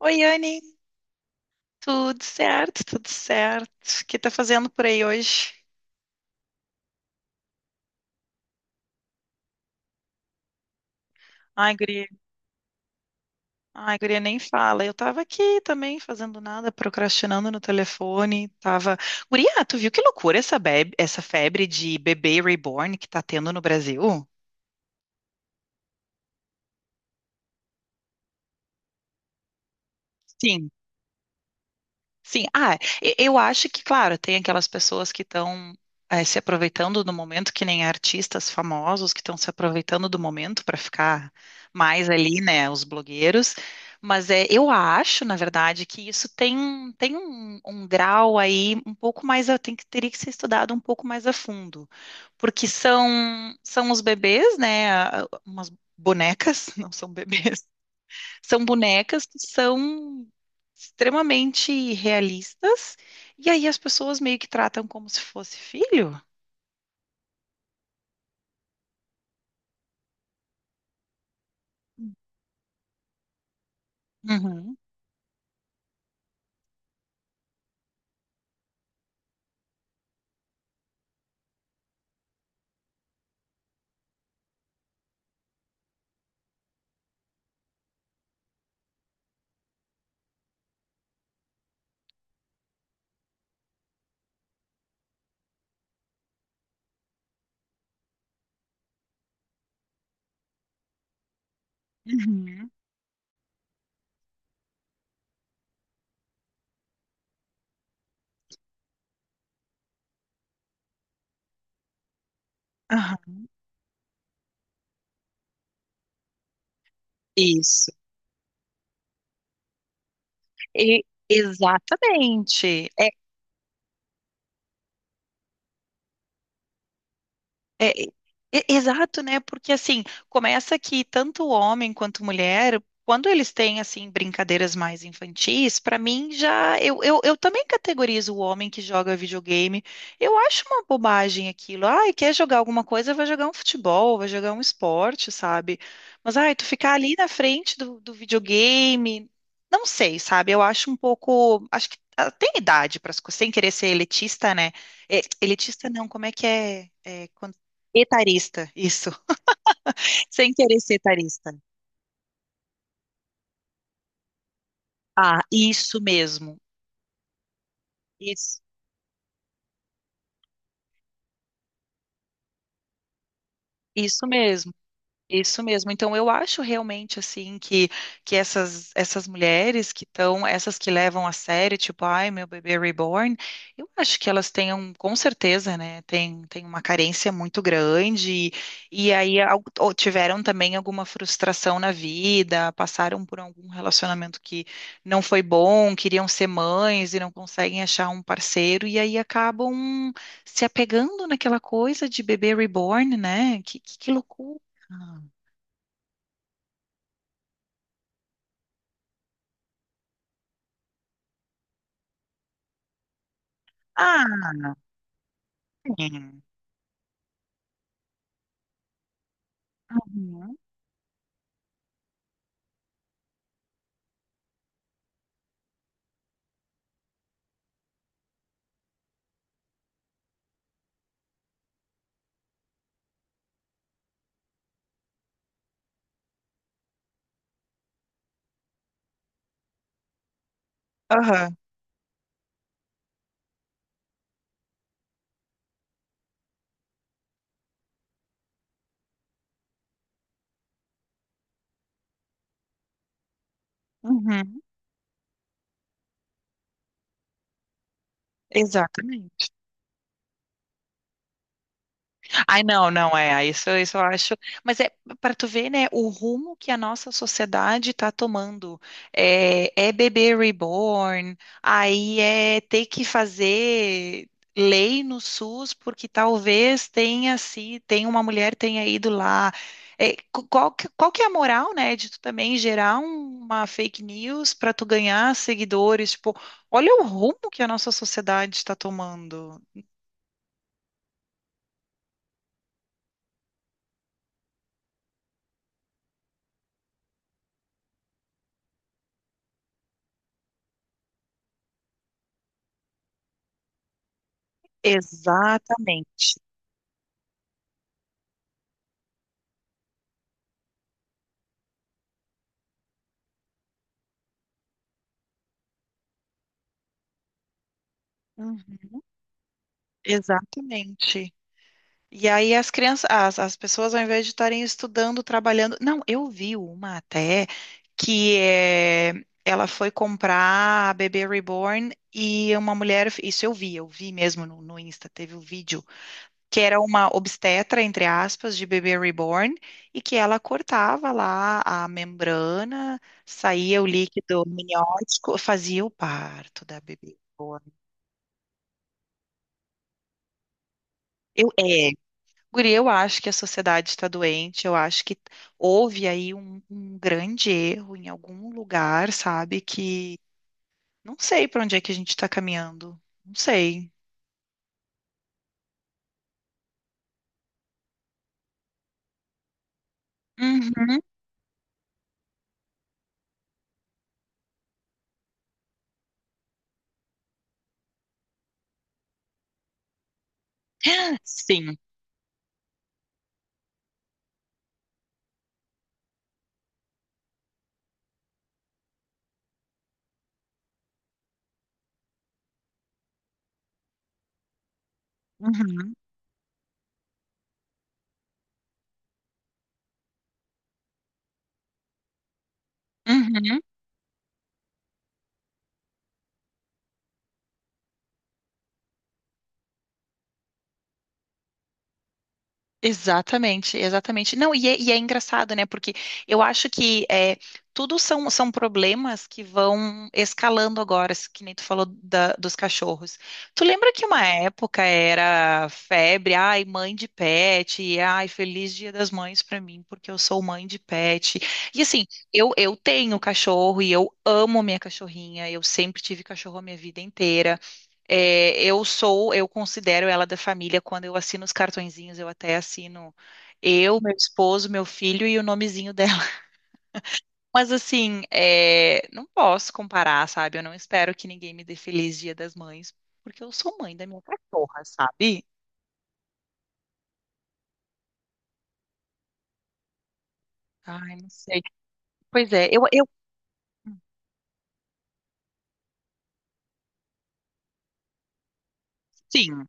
Oi, Anne, tudo certo, tudo certo. O que tá fazendo por aí hoje? Ai, guria, nem fala. Eu tava aqui também fazendo nada, procrastinando no telefone. Tava. Guria, tu viu que loucura essa, essa febre de bebê reborn que tá tendo no Brasil? Sim. Sim, eu acho que, claro, tem aquelas pessoas que estão se aproveitando do momento, que nem artistas famosos que estão se aproveitando do momento para ficar mais ali, né, os blogueiros. Mas é, eu acho, na verdade, que isso tem, um grau aí um pouco mais, tem que, teria que ser estudado um pouco mais a fundo, porque são, são os bebês, né, umas bonecas, não são bebês, são bonecas que são extremamente realistas, e aí as pessoas meio que tratam como se fosse filho. Uhum, uhum, aham. Isso. Exatamente. É, e- exato, né? Porque assim, começa que tanto o homem quanto mulher, quando eles têm assim brincadeiras mais infantis, pra mim já eu também categorizo o homem que joga videogame. Eu acho uma bobagem aquilo. Ai, quer jogar alguma coisa, vai jogar um futebol, vai jogar um esporte, sabe? Mas ai, tu ficar ali na frente do videogame, não sei, sabe? Eu acho um pouco, acho que ah, tem idade para sem querer ser elitista, né? É, elitista não, como é que é? É, etarista, isso. Sem querer ser etarista. Ah, isso mesmo. Isso, isso mesmo. Isso mesmo. Então, eu acho realmente assim que essas, essas mulheres que estão, essas que levam a sério, tipo, ai, meu bebê reborn, eu acho que elas tenham, com certeza, né, tem, tem uma carência muito grande, e aí ou tiveram também alguma frustração na vida, passaram por algum relacionamento que não foi bom, queriam ser mães e não conseguem achar um parceiro, e aí acabam se apegando naquela coisa de bebê reborn, né? Que loucura! Ah, é. Uhum. Aham. Uhum. Exatamente. Ai, não, não é. Ai, isso eu acho. Mas é para tu ver, né, o rumo que a nossa sociedade está tomando. É, é bebê reborn, aí é ter que fazer lei no SUS porque talvez tenha se tem uma mulher tenha ido lá. É, qual que é a moral, né, de tu também gerar uma fake news para tu ganhar seguidores? Tipo, olha o rumo que a nossa sociedade está tomando. Exatamente. Exatamente. E aí as crianças, as pessoas, ao invés de estarem estudando, trabalhando. Não, eu vi uma até que é, ela foi comprar a bebê reborn e uma mulher. Isso eu vi mesmo no, no Insta, teve o vídeo, que era uma obstetra, entre aspas, de bebê reborn, e que ela cortava lá a membrana, saía o líquido amniótico, fazia o parto da bebê reborn. Eu, é, Guri, eu acho que a sociedade está doente, eu acho que houve aí um grande erro em algum lugar, sabe? Que não sei para onde é que a gente está caminhando, não sei. Uhum, sim. Uhum, uhum. Exatamente, exatamente. Não, e é engraçado, né? Porque eu acho que é, tudo são, são problemas que vão escalando agora, que nem tu falou dos cachorros. Tu lembra que uma época era febre, ai, mãe de pet, ai, feliz Dia das Mães pra mim, porque eu sou mãe de pet. E assim, eu tenho cachorro e eu amo minha cachorrinha, eu sempre tive cachorro a minha vida inteira. É, eu sou, eu considero ela da família. Quando eu assino os cartõezinhos, eu até assino eu, meu esposo, meu filho e o nomezinho dela. Mas assim, é, não posso comparar, sabe? Eu não espero que ninguém me dê feliz Dia das Mães, porque eu sou mãe da minha cachorra, sabe? Ai, não sei. Pois é, sim.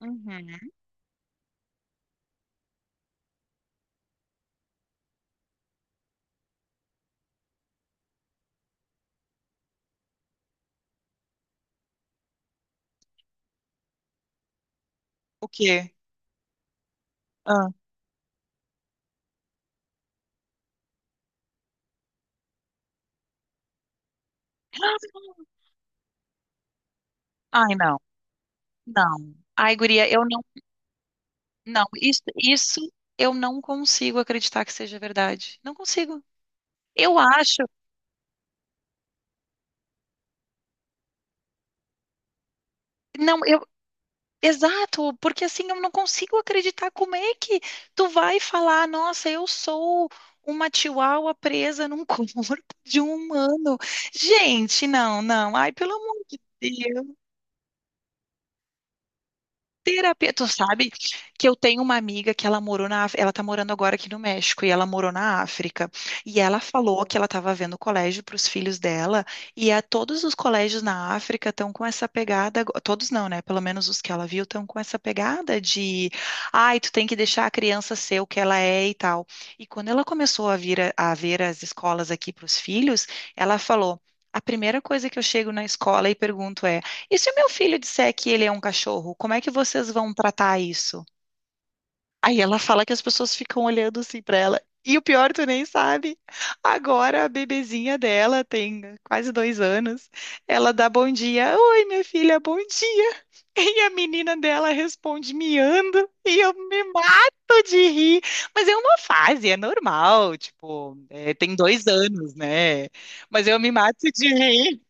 Uhum. O quê? Ah. Ai, não, não. Ai, guria, eu não, não. Isso eu não consigo acreditar que seja verdade. Não consigo. Eu acho. Não, eu. Exato, porque assim eu não consigo acreditar como é que tu vai falar, nossa, eu sou uma chihuahua presa num corpo de um humano. Gente, não, não. Ai, pelo amor de Deus. Terapia, tu sabe que eu tenho uma amiga que ela morou na, ela tá morando agora aqui no México e ela morou na África. E ela falou que ela estava vendo colégio para os filhos dela e a todos os colégios na África estão com essa pegada, todos não, né? Pelo menos os que ela viu estão com essa pegada de, ai, tu tem que deixar a criança ser o que ela é e tal. E quando ela começou a vir a ver as escolas aqui para os filhos, ela falou: a primeira coisa que eu chego na escola e pergunto é e se o meu filho disser que ele é um cachorro, como é que vocês vão tratar isso? Aí ela fala que as pessoas ficam olhando assim pra ela. E o pior, tu nem sabe. Agora a bebezinha dela tem quase 2 anos. Ela dá bom dia. Oi, minha filha, bom dia. E a menina dela responde miando. E eu me mato de rir. Mas é uma fase, é normal. Tipo, é, tem 2 anos, né? Mas eu me mato de rir.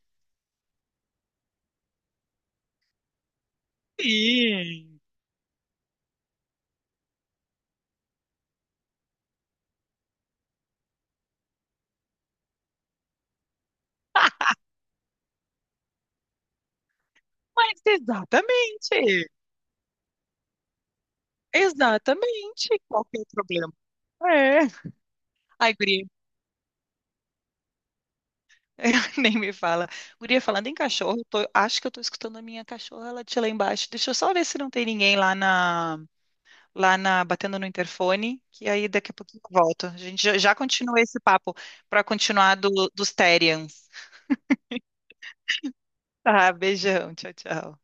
Sim. Mas exatamente, exatamente. Qual que é o problema? É. Ai, guria, nem me fala. Guria, falando em cachorro, acho que eu tô escutando a minha cachorra latir lá embaixo. Deixa eu só ver se não tem ninguém lá na, batendo no interfone, que aí daqui a pouquinho eu volto. A gente já, já continua esse papo para continuar dos Therians. Tá, beijão, tchau, tchau.